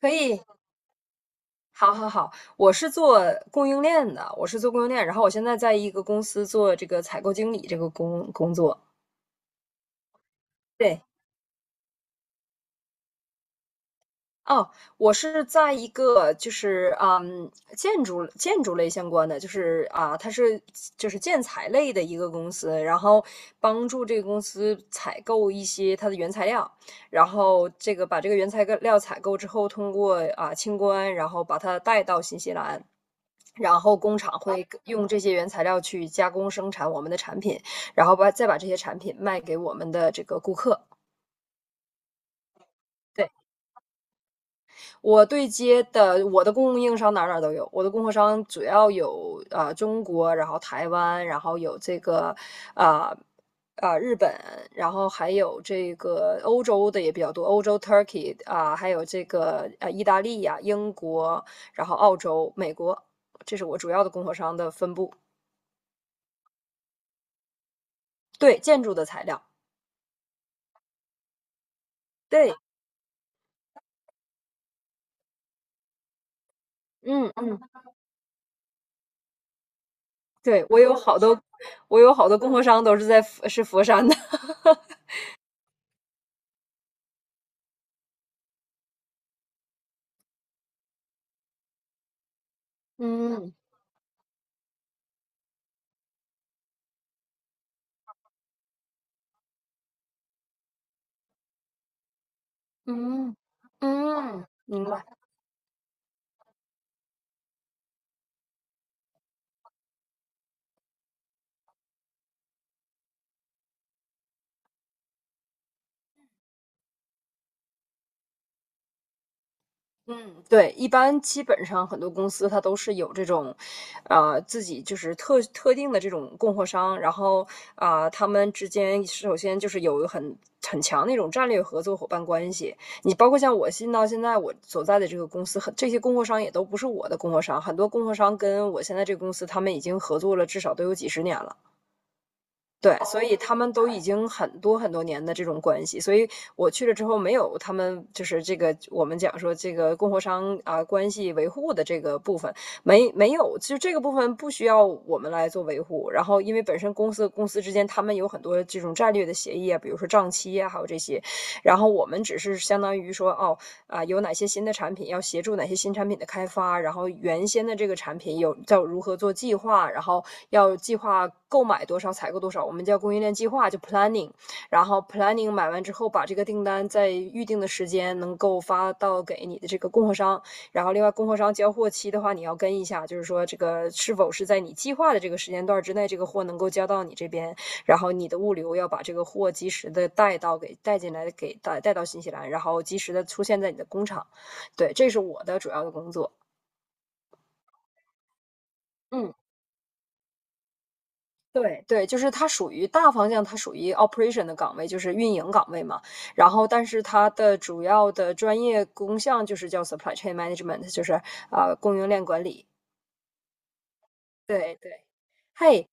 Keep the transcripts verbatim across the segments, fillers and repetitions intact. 可以，好好好，我是做供应链的，我是做供应链，然后我现在在一个公司做这个采购经理这个工工作。对，哦，我是在一个就是，嗯，建筑建筑类相关的，就是啊，它是就是建材类的一个公司，然后帮助这个公司采购一些它的原材料，然后这个把这个原材料采购之后，通过啊清关，然后把它带到新西兰。然后工厂会用这些原材料去加工生产我们的产品，然后把再把这些产品卖给我们的这个顾客。对。我对接的我的供应商哪哪都有，我的供货商主要有啊中国，然后台湾，然后有这个啊啊、呃呃日本，然后还有这个欧洲的也比较多，欧洲 Turkey 啊、呃还有这个啊意大利呀、英国，然后澳洲、美国，这是我主要的供货商的分布。对，建筑的材料，对，嗯嗯，对我有好多，我有好多供货商都是在佛是佛山的，嗯。嗯，嗯，明白。嗯对，一般基本上很多公司它都是有这种，呃，自己就是特特定的这种供货商，然后啊、呃他们之间首先就是有很很强那种战略合作伙伴关系。你包括像我新到现在我所在的这个公司，很这些供货商也都不是我的供货商，很多供货商跟我现在这个公司他们已经合作了至少都有几十年了。对，所以他们都已经很多很多年的这种关系，所以我去了之后没有他们就是这个我们讲说这个供货商啊关系维护的这个部分没没有，其实这个部分不需要我们来做维护。然后因为本身公司公司之间他们有很多这种战略的协议啊，比如说账期啊，还有这些，然后我们只是相当于说哦，啊、呃有哪些新的产品，要协助哪些新产品的开发，然后原先的这个产品有叫如何做计划，然后要计划购买多少，采购多少，我们叫供应链计划，就 planning。然后 planning 买完之后，把这个订单在预定的时间能够发到给你的这个供货商，然后另外供货商交货期的话，你要跟一下，就是说这个是否是在你计划的这个时间段之内，这个货能够交到你这边。然后你的物流要把这个货及时的带到给带进来，给带带到新西兰，然后及时的出现在你的工厂。对，这是我的主要的工作。嗯，对对，就是它属于大方向，它属于 operation 的岗位，就是运营岗位嘛。然后，但是它的主要的专业工项就是叫 supply chain management，就是啊、呃供应链管理。对对，嘿，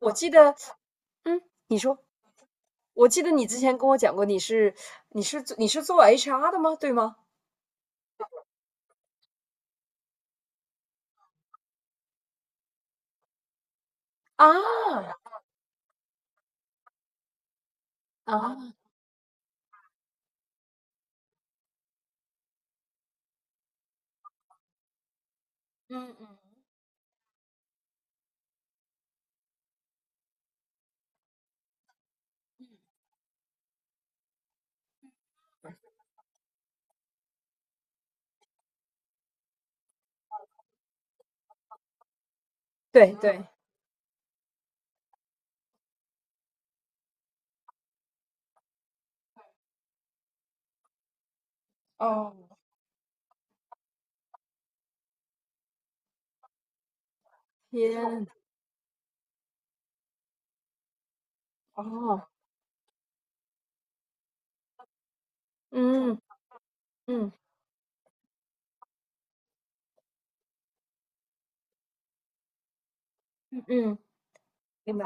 我记得，嗯，你说，我记得你之前跟我讲过，你是你是你是做 H R 的吗？对吗？啊啊！对对。哦，天，哦，嗯嗯嗯嗯明白。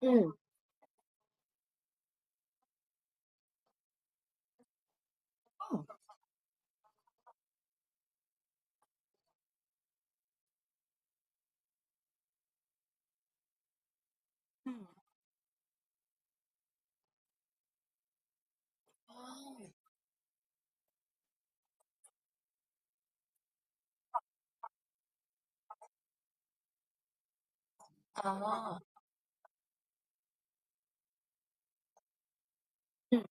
嗯嗯，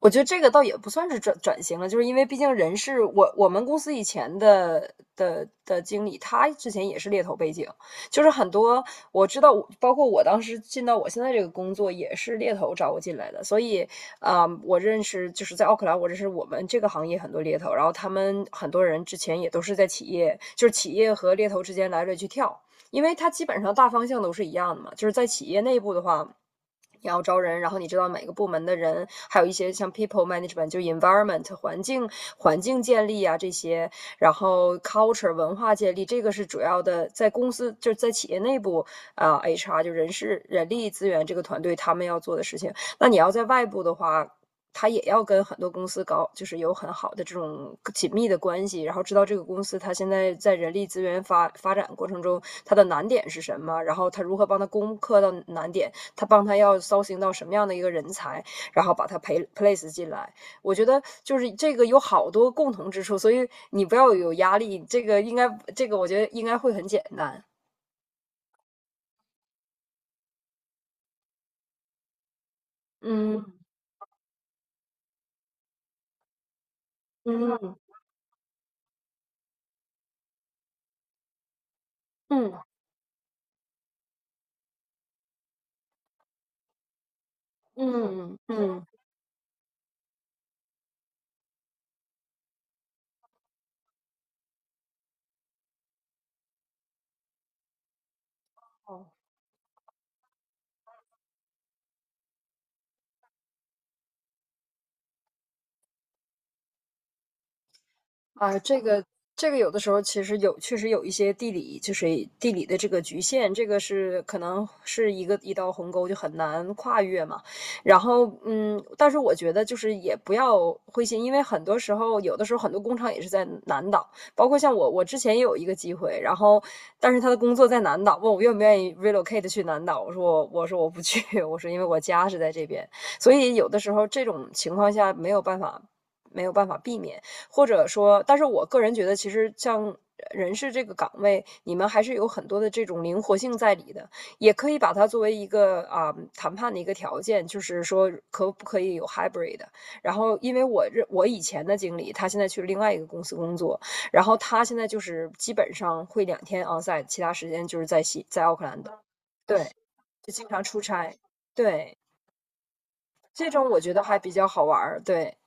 我觉得这个倒也不算是转转型了，就是因为毕竟人事，我我们公司以前的的的经理，他之前也是猎头背景，就是很多我知道我，包括我当时进到我现在这个工作也是猎头找我进来的，所以啊、呃我认识就是在奥克兰，我认识我们这个行业很多猎头，然后他们很多人之前也都是在企业，就是企业和猎头之间来来去跳，因为它基本上大方向都是一样的嘛。就是在企业内部的话，你要招人，然后你知道每个部门的人，还有一些像 people management，就 environment 环境环境建立啊这些，然后 culture 文化建立，这个是主要的，在公司就是在企业内部啊、呃 H R 就人事人力资源这个团队他们要做的事情。那你要在外部的话，他也要跟很多公司搞，就是有很好的这种紧密的关系，然后知道这个公司他现在在人力资源发发展过程中他的难点是什么，然后他如何帮他攻克到难点，他帮他要搜寻到什么样的一个人才，然后把他培 place 进来。我觉得就是这个有好多共同之处，所以你不要有压力，这个应该这个我觉得应该会很简单。嗯嗯嗯嗯。嗯啊，这个这个有的时候其实有，确实有一些地理，就是地理的这个局限，这个是可能是一个一道鸿沟，就很难跨越嘛。然后，嗯，但是我觉得就是也不要灰心，因为很多时候，有的时候很多工厂也是在南岛，包括像我，我之前也有一个机会，然后但是他的工作在南岛，问我愿不愿意 relocate 去南岛，我说我我说我不去，我说因为我家是在这边，所以有的时候这种情况下没有办法没有办法避免。或者说，但是我个人觉得，其实像人事这个岗位，你们还是有很多的这种灵活性在里的，也可以把它作为一个啊、嗯谈判的一个条件，就是说可不可以有 hybrid。然后，因为我认我以前的经理，他现在去另外一个公司工作，然后他现在就是基本上会两天 onsite，其他时间就是在西在奥克兰的，对，就经常出差，对，这种我觉得还比较好玩儿，对。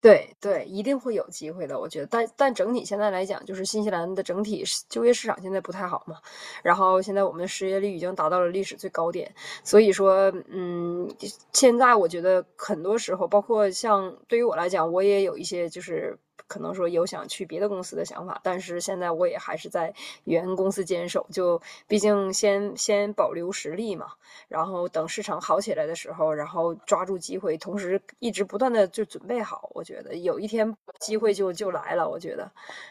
对对，一定会有机会的，我觉得。但但整体现在来讲，就是新西兰的整体市就业市场现在不太好嘛，然后现在我们的失业率已经达到了历史最高点，所以说，嗯，现在我觉得很多时候，包括像对于我来讲，我也有一些就是可能说有想去别的公司的想法，但是现在我也还是在原公司坚守，就毕竟先先保留实力嘛。然后等市场好起来的时候，然后抓住机会，同时一直不断的就准备好。我觉得有一天机会就就来了。我觉得，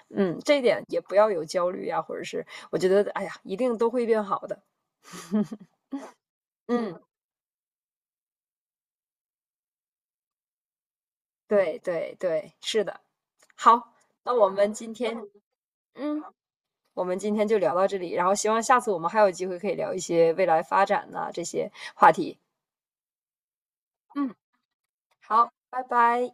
嗯，这一点也不要有焦虑呀、啊或者是我觉得，哎呀，一定都会变好的。嗯，对对对，是的。好，那我们今天，嗯，我们今天就聊到这里，然后希望下次我们还有机会可以聊一些未来发展呐、这些话题。嗯，好，拜拜。